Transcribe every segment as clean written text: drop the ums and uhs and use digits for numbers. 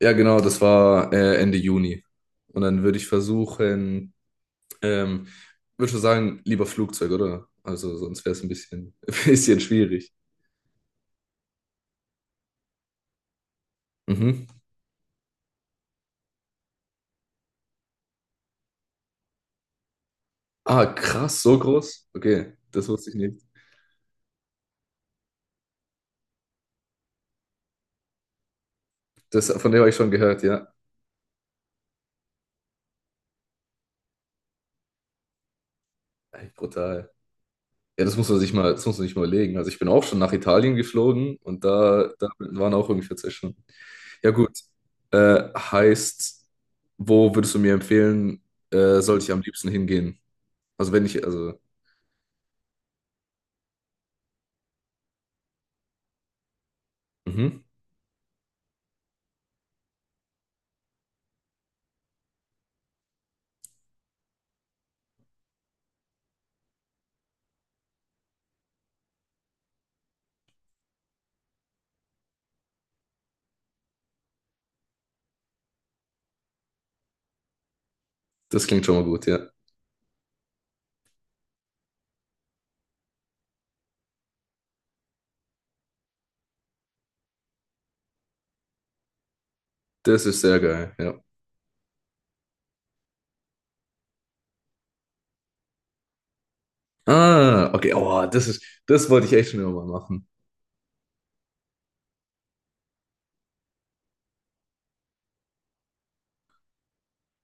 Ja, genau, das war Ende Juni. Und dann würde ich versuchen, ähm, würde schon sagen, lieber Flugzeug, oder? Also sonst wäre es ein bisschen, ein bisschen schwierig. Mhm. Ah, krass, so groß? Okay, das wusste ich nicht. Das, von dem habe ich schon gehört, ja. Ey, brutal. Ja, das muss man sich mal, das muss man sich mal überlegen. Also ich bin auch schon nach Italien geflogen und da waren auch ungefähr zwei Stunden. Ja, gut. Äh, heißt, Wo würdest du mir empfehlen, sollte ich am liebsten hingehen? Also wenn ich, also Mhm. Das klingt schon mal gut, ja. Das ist sehr geil, ja. Ah, okay, oh, das wollte ich echt schon immer mal machen.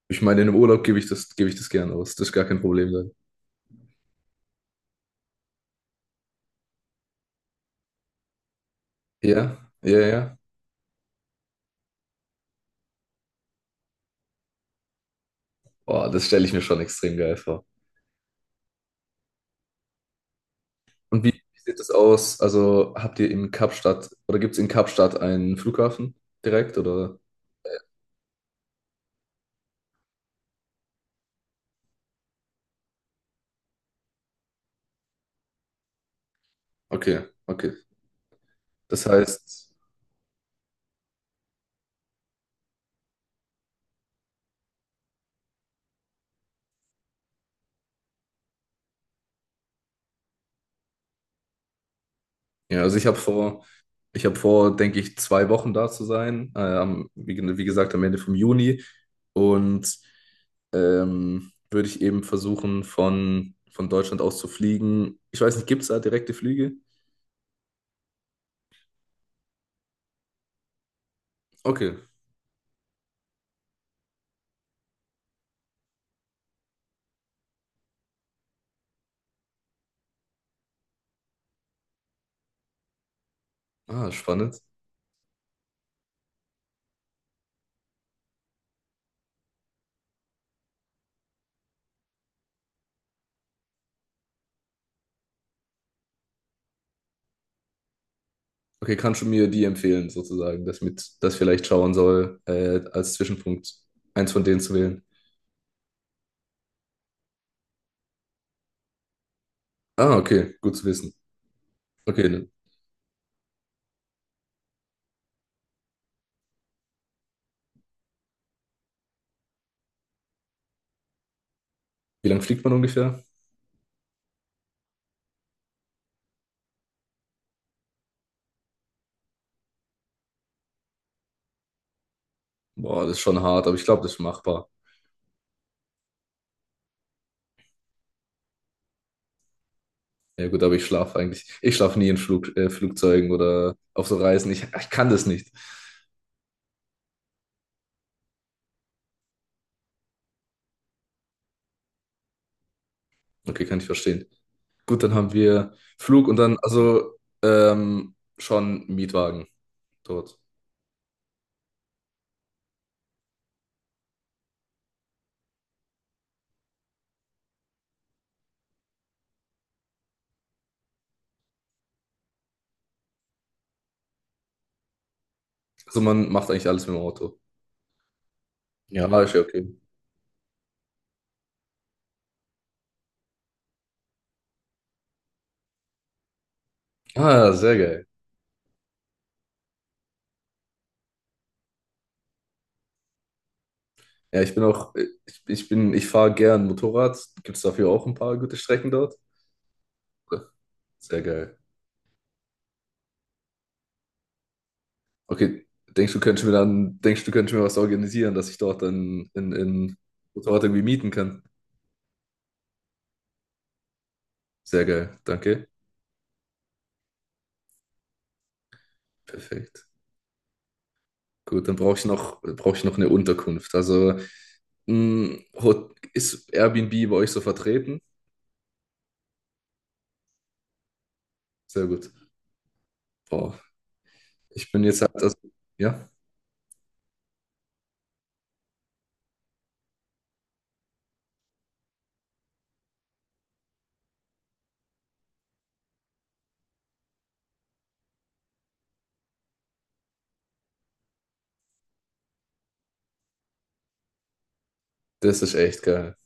Ich meine, in einem Urlaub gebe ich das gerne aus. Das ist gar kein Problem dann. Ja, ja, ja. Oh, das stelle ich mir schon extrem geil vor. Und wie sieht das aus? Also habt ihr in Kapstadt oder gibt es in Kapstadt einen Flughafen direkt oder? Okay, okay. Das heißt, Ja, also ich habe vor, denke ich, zwei Wochen da zu sein, am, wie gesagt, am Ende vom Juni. Und würde ich eben versuchen, von Deutschland aus zu fliegen. Ich weiß nicht, gibt es da direkte Flüge? Okay. Ah, spannend. Okay, kannst du mir die empfehlen, sozusagen, dass ich mit das vielleicht schauen soll, als Zwischenpunkt eins von denen zu wählen? Ah, okay, gut zu wissen. Okay, ne. Wie lange fliegt man ungefähr? Boah, das ist schon hart, aber ich glaube, das ist machbar. Ja gut, aber ich schlafe eigentlich. Ich schlafe nie in Flug, Flugzeugen oder auf so Reisen. Ich kann das nicht. Okay, kann ich verstehen. Gut, dann haben wir Flug und dann also schon Mietwagen dort. Also man macht eigentlich alles mit dem Auto. Ja. Ah, ist ja okay. Ah, sehr geil. Ja, ich bin auch, ich, ich bin, ich fahre gern Motorrad. Gibt es dafür auch ein paar gute Strecken dort? Ja, sehr geil. Okay, denkst du, könntest mir was organisieren, dass ich dort dann in Motorrad irgendwie mieten kann? Sehr geil, danke. Perfekt. Gut, dann brauche ich noch eine Unterkunft. Also ist Airbnb bei euch so vertreten? Sehr gut. Boah, ich bin jetzt halt, also, ja, das ist echt geil.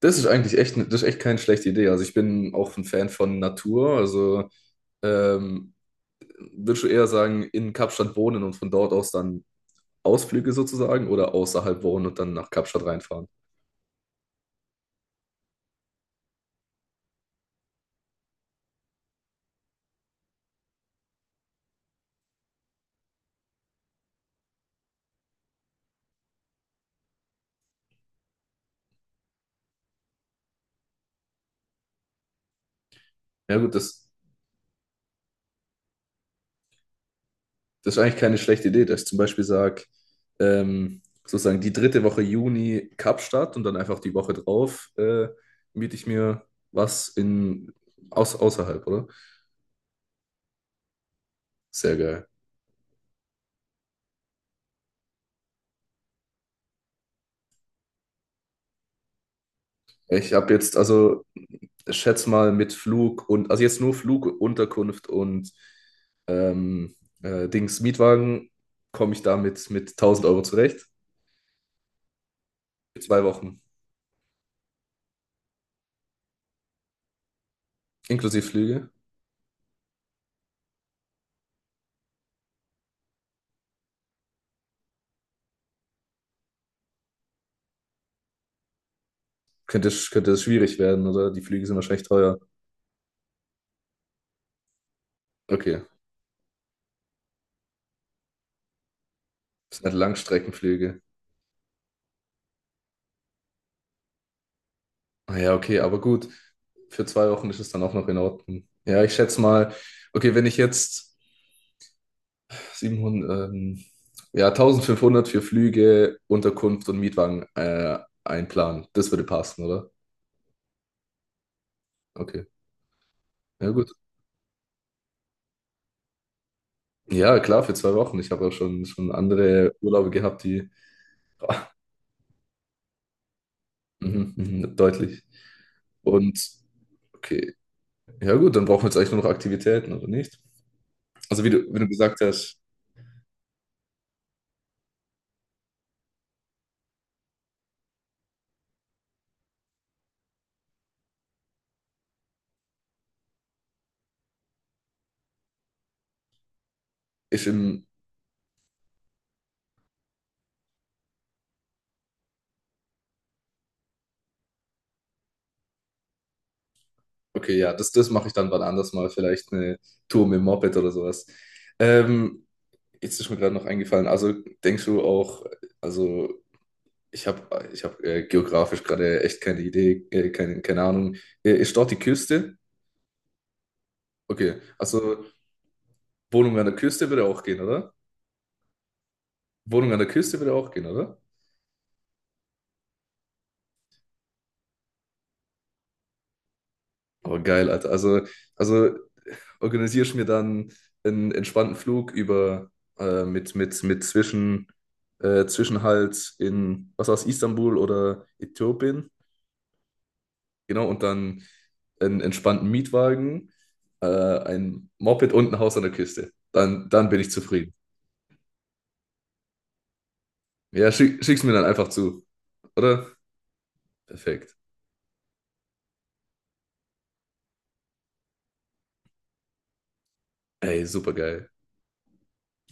Das ist eigentlich echt, ne, das ist echt keine schlechte Idee. Also ich bin auch ein Fan von Natur. Also ähm, würdest du eher sagen, in Kapstadt wohnen und von dort aus dann Ausflüge sozusagen oder außerhalb wohnen und dann nach Kapstadt reinfahren? Ja gut, das. Das ist eigentlich keine schlechte Idee, dass ich zum Beispiel sage, sozusagen die dritte Woche Juni Kapstadt und dann einfach die Woche drauf miete ich mir was in aus, außerhalb, oder? Sehr geil. Also schätz mal mit Flug und, also jetzt nur Flug, Unterkunft und ähm, Dings Mietwagen, komme ich damit mit 1000 Euro zurecht. Für zwei Wochen, inklusive Flüge. Könnte es schwierig werden, oder? Die Flüge sind wahrscheinlich teuer. Okay, das sind halt Langstreckenflüge. Ah ja, okay, aber gut. Für zwei Wochen ist es dann auch noch in Ordnung. Ja, ich schätze mal, okay, wenn ich jetzt 700, ja, 1500 für Flüge, Unterkunft und Mietwagen einplanen, das würde passen, oder? Okay, ja, gut. Ja, klar, für zwei Wochen. Ich habe auch schon andere Urlaube gehabt, die ah, mhm, mhm, deutlich. Und okay, ja, gut, dann brauchen wir jetzt eigentlich nur noch Aktivitäten, oder nicht? Also, wie du gesagt hast, ist im okay, ja, das mache ich dann wann anders mal. Vielleicht eine Tour mit dem Moped oder sowas. Ähm, jetzt ist mir gerade noch eingefallen. Also denkst du auch, also ich habe ich hab, geografisch gerade echt keine Idee, keine Ahnung. Ist dort die Küste? Okay, also Wohnung an der Küste würde auch gehen, oder? Wohnung an der Küste würde auch gehen, oder? Oh, geil, Alter. Also organisierst mir dann einen entspannten Flug über mit Zwischenhalt in, was war's, Istanbul oder Äthiopien. Genau, und dann einen entspannten Mietwagen, ein Moped und ein Haus an der Küste. Dann bin ich zufrieden. Ja, schick's mir dann einfach zu, oder? Perfekt. Ey, super geil.